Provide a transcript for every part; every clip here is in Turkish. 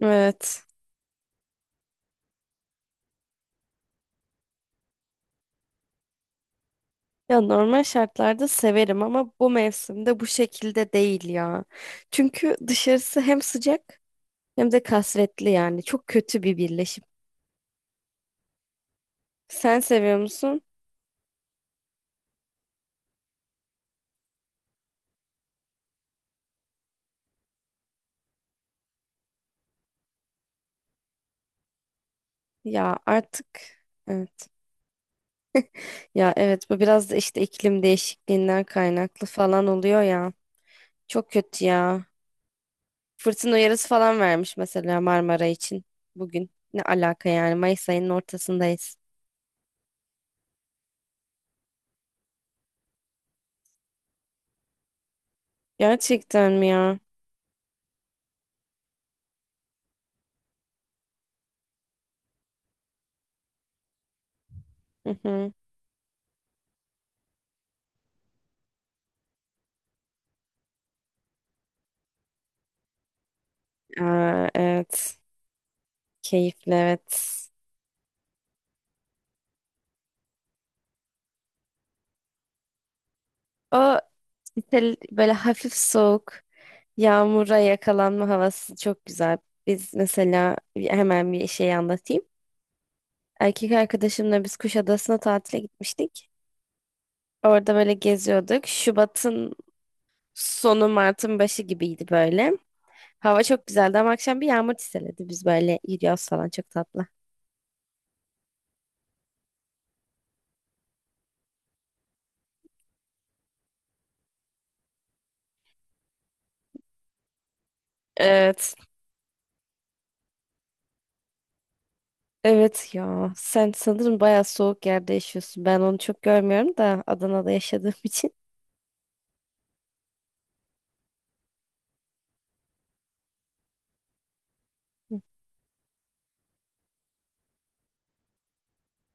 Evet. Ya normal şartlarda severim ama bu mevsimde bu şekilde değil ya. Çünkü dışarısı hem sıcak hem de kasvetli yani. Çok kötü bir birleşim. Sen seviyor musun? Ya artık evet. Ya evet, bu biraz da işte iklim değişikliğinden kaynaklı falan oluyor ya. Çok kötü ya. Fırtına uyarısı falan vermiş mesela Marmara için bugün. Ne alaka yani, Mayıs ayının ortasındayız. Gerçekten mi ya? Hı hı. Aa, evet. Keyifli, evet. O işte böyle hafif soğuk, yağmura yakalanma havası çok güzel. Biz mesela hemen bir şey anlatayım. Erkek arkadaşımla biz Kuşadası'na tatile gitmiştik. Orada böyle geziyorduk. Şubat'ın sonu Mart'ın başı gibiydi böyle. Hava çok güzeldi ama akşam bir yağmur çiseledi. Biz böyle yürüyoruz falan, çok tatlı. Evet. Evet ya. Sen sanırım bayağı soğuk yerde yaşıyorsun. Ben onu çok görmüyorum da Adana'da yaşadığım için.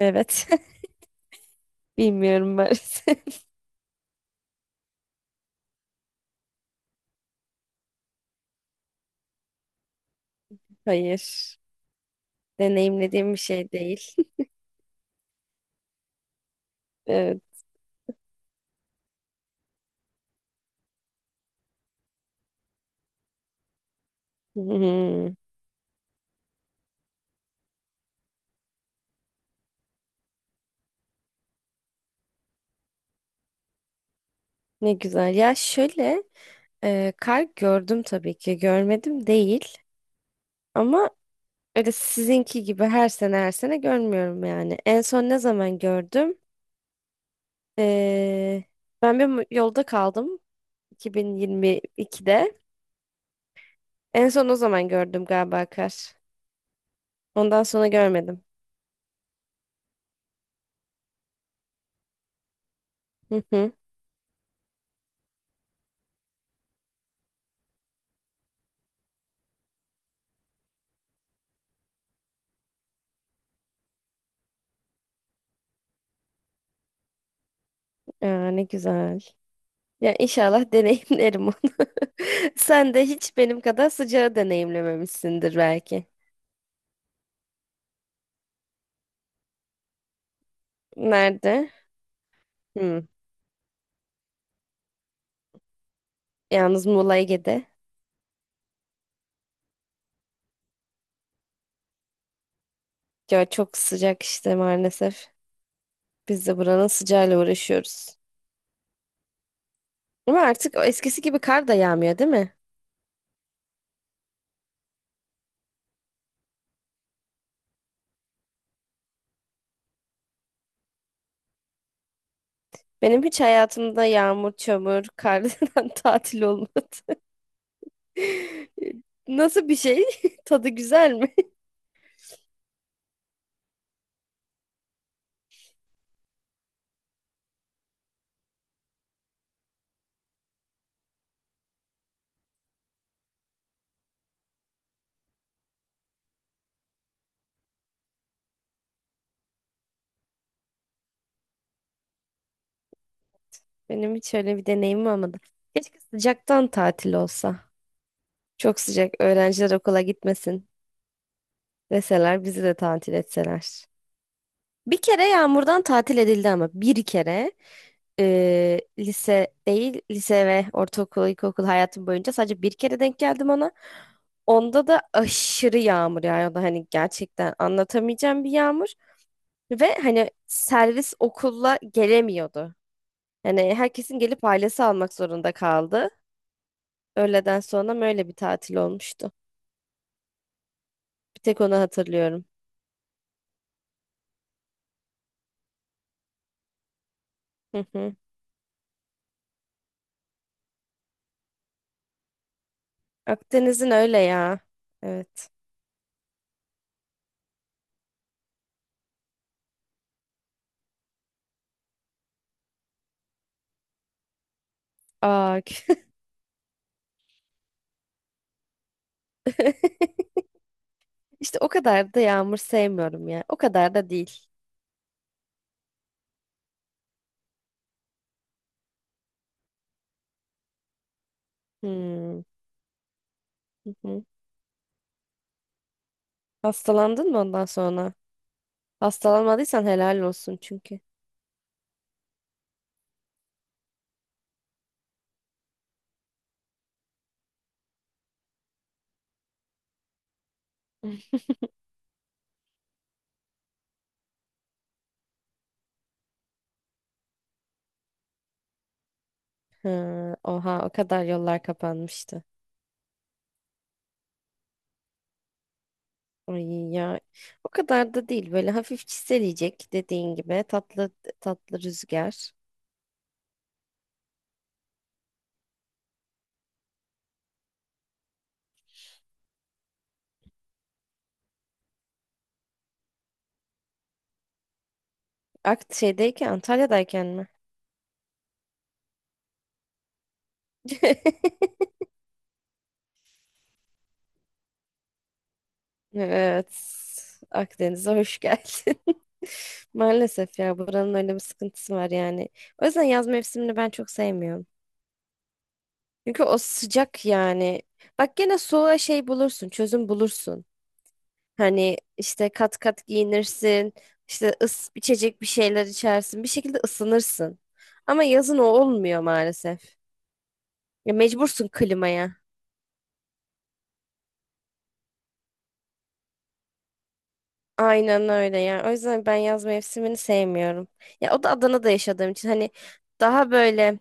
Evet. Bilmiyorum maalesef. Hayır. Deneyimlediğim bir şey değil. Evet. Hmm. Ne güzel. Ya şöyle kar gördüm tabii ki. Görmedim değil. Ama öyle sizinki gibi her sene her sene görmüyorum yani. En son ne zaman gördüm? E, Ben bir yolda kaldım 2022'de. En son o zaman gördüm galiba kar. Ondan sonra görmedim. Hı hı. Aa, ne güzel. Ya inşallah deneyimlerim onu. Sen de hiç benim kadar sıcağı deneyimlememişsindir belki. Nerede? Hmm. Yalnız Muğla Ege'de. Ya çok sıcak işte maalesef. Biz de buranın sıcağıyla uğraşıyoruz. Ama artık o eskisi gibi kar da yağmıyor değil mi? Benim hiç hayatımda yağmur, çamur, kardan tatil olmadı. Nasıl bir şey? Tadı güzel mi? Benim hiç öyle bir deneyimim olmadı. Keşke sıcaktan tatil olsa. Çok sıcak. Öğrenciler okula gitmesin. Deseler, bizi de tatil etseler. Bir kere yağmurdan tatil edildi ama bir kere lise değil, lise ve ortaokul, ilkokul hayatım boyunca sadece bir kere denk geldim ona. Onda da aşırı yağmur yağıyordu. Hani gerçekten anlatamayacağım bir yağmur. Ve hani servis okulla gelemiyordu. Yani herkesin gelip ailesi almak zorunda kaldı. Öğleden sonra böyle bir tatil olmuştu. Bir tek onu hatırlıyorum. Hı hı. Akdeniz'in öyle ya. Evet. Aa, işte o kadar da yağmur sevmiyorum ya. O kadar da değil. Hmm. Hı hı. Hastalandın mı ondan sonra? Hastalanmadıysan helal olsun çünkü. Ha, oha, o kadar yollar kapanmıştı. Ay ya, o kadar da değil, böyle hafif çiseleyecek dediğin gibi, tatlı tatlı rüzgar. Akt şeydeyken, Antalya'dayken mi? Evet. Akdeniz'e hoş geldin. Maalesef ya, buranın öyle bir sıkıntısı var yani. O yüzden yaz mevsimini ben çok sevmiyorum. Çünkü o sıcak yani. Bak, gene soğuğa şey bulursun, çözüm bulursun. Hani işte kat kat giyinirsin, işte ıs içecek bir şeyler içersin, bir şekilde ısınırsın. Ama yazın o olmuyor maalesef. Ya mecbursun klimaya. Aynen öyle ya. O yüzden ben yaz mevsimini sevmiyorum. Ya o da Adana'da yaşadığım için hani daha böyle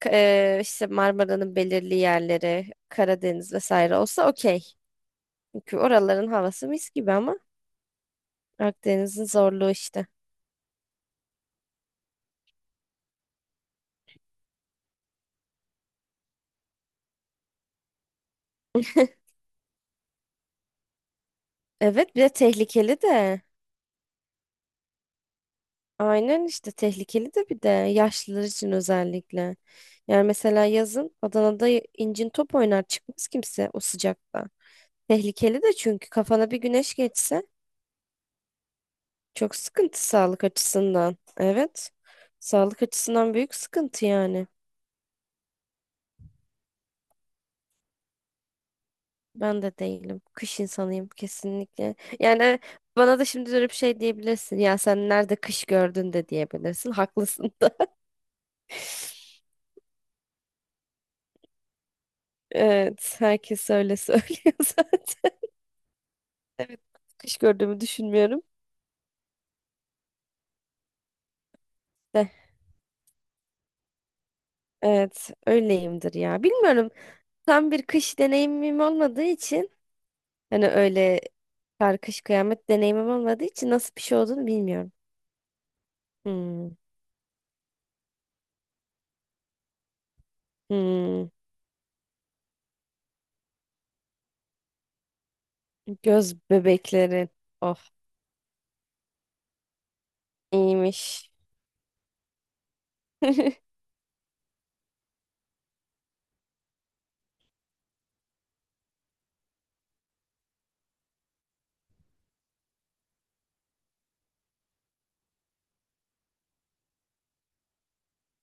İşte Marmara'nın belirli yerleri, Karadeniz vesaire olsa okey. Çünkü oraların havası mis gibi ama Akdeniz'in zorluğu işte. Evet, bir de tehlikeli de. Aynen, işte tehlikeli de, bir de yaşlılar için özellikle. Yani mesela yazın Adana'da incin top oynar, çıkmaz kimse o sıcakta. Tehlikeli de, çünkü kafana bir güneş geçse çok sıkıntı sağlık açısından. Evet. Sağlık açısından büyük sıkıntı yani. Ben de değilim. Kış insanıyım kesinlikle. Yani bana da şimdi dönüp şey diyebilirsin. Ya sen nerede kış gördün de diyebilirsin. Haklısın. Evet, herkes öyle söylüyor zaten. Evet, kış gördüğümü düşünmüyorum. De, evet, öyleyimdir ya. Bilmiyorum. Tam bir kış deneyimim olmadığı için, hani öyle kar kış kıyamet deneyimim olmadığı için nasıl bir şey olduğunu bilmiyorum. Hmm, hmm. Göz bebekleri. Oh, iyiymiş.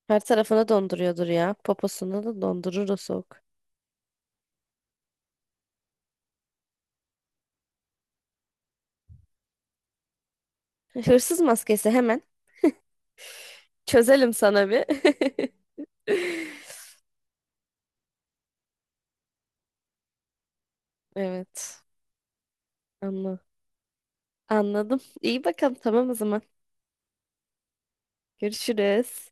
Her tarafını donduruyordur ya. Poposunu da dondurur o soğuk. Hırsız maskesi hemen. Çözelim sana bir. Evet. Anla. Anladım. İyi bakalım. Tamam o zaman. Görüşürüz.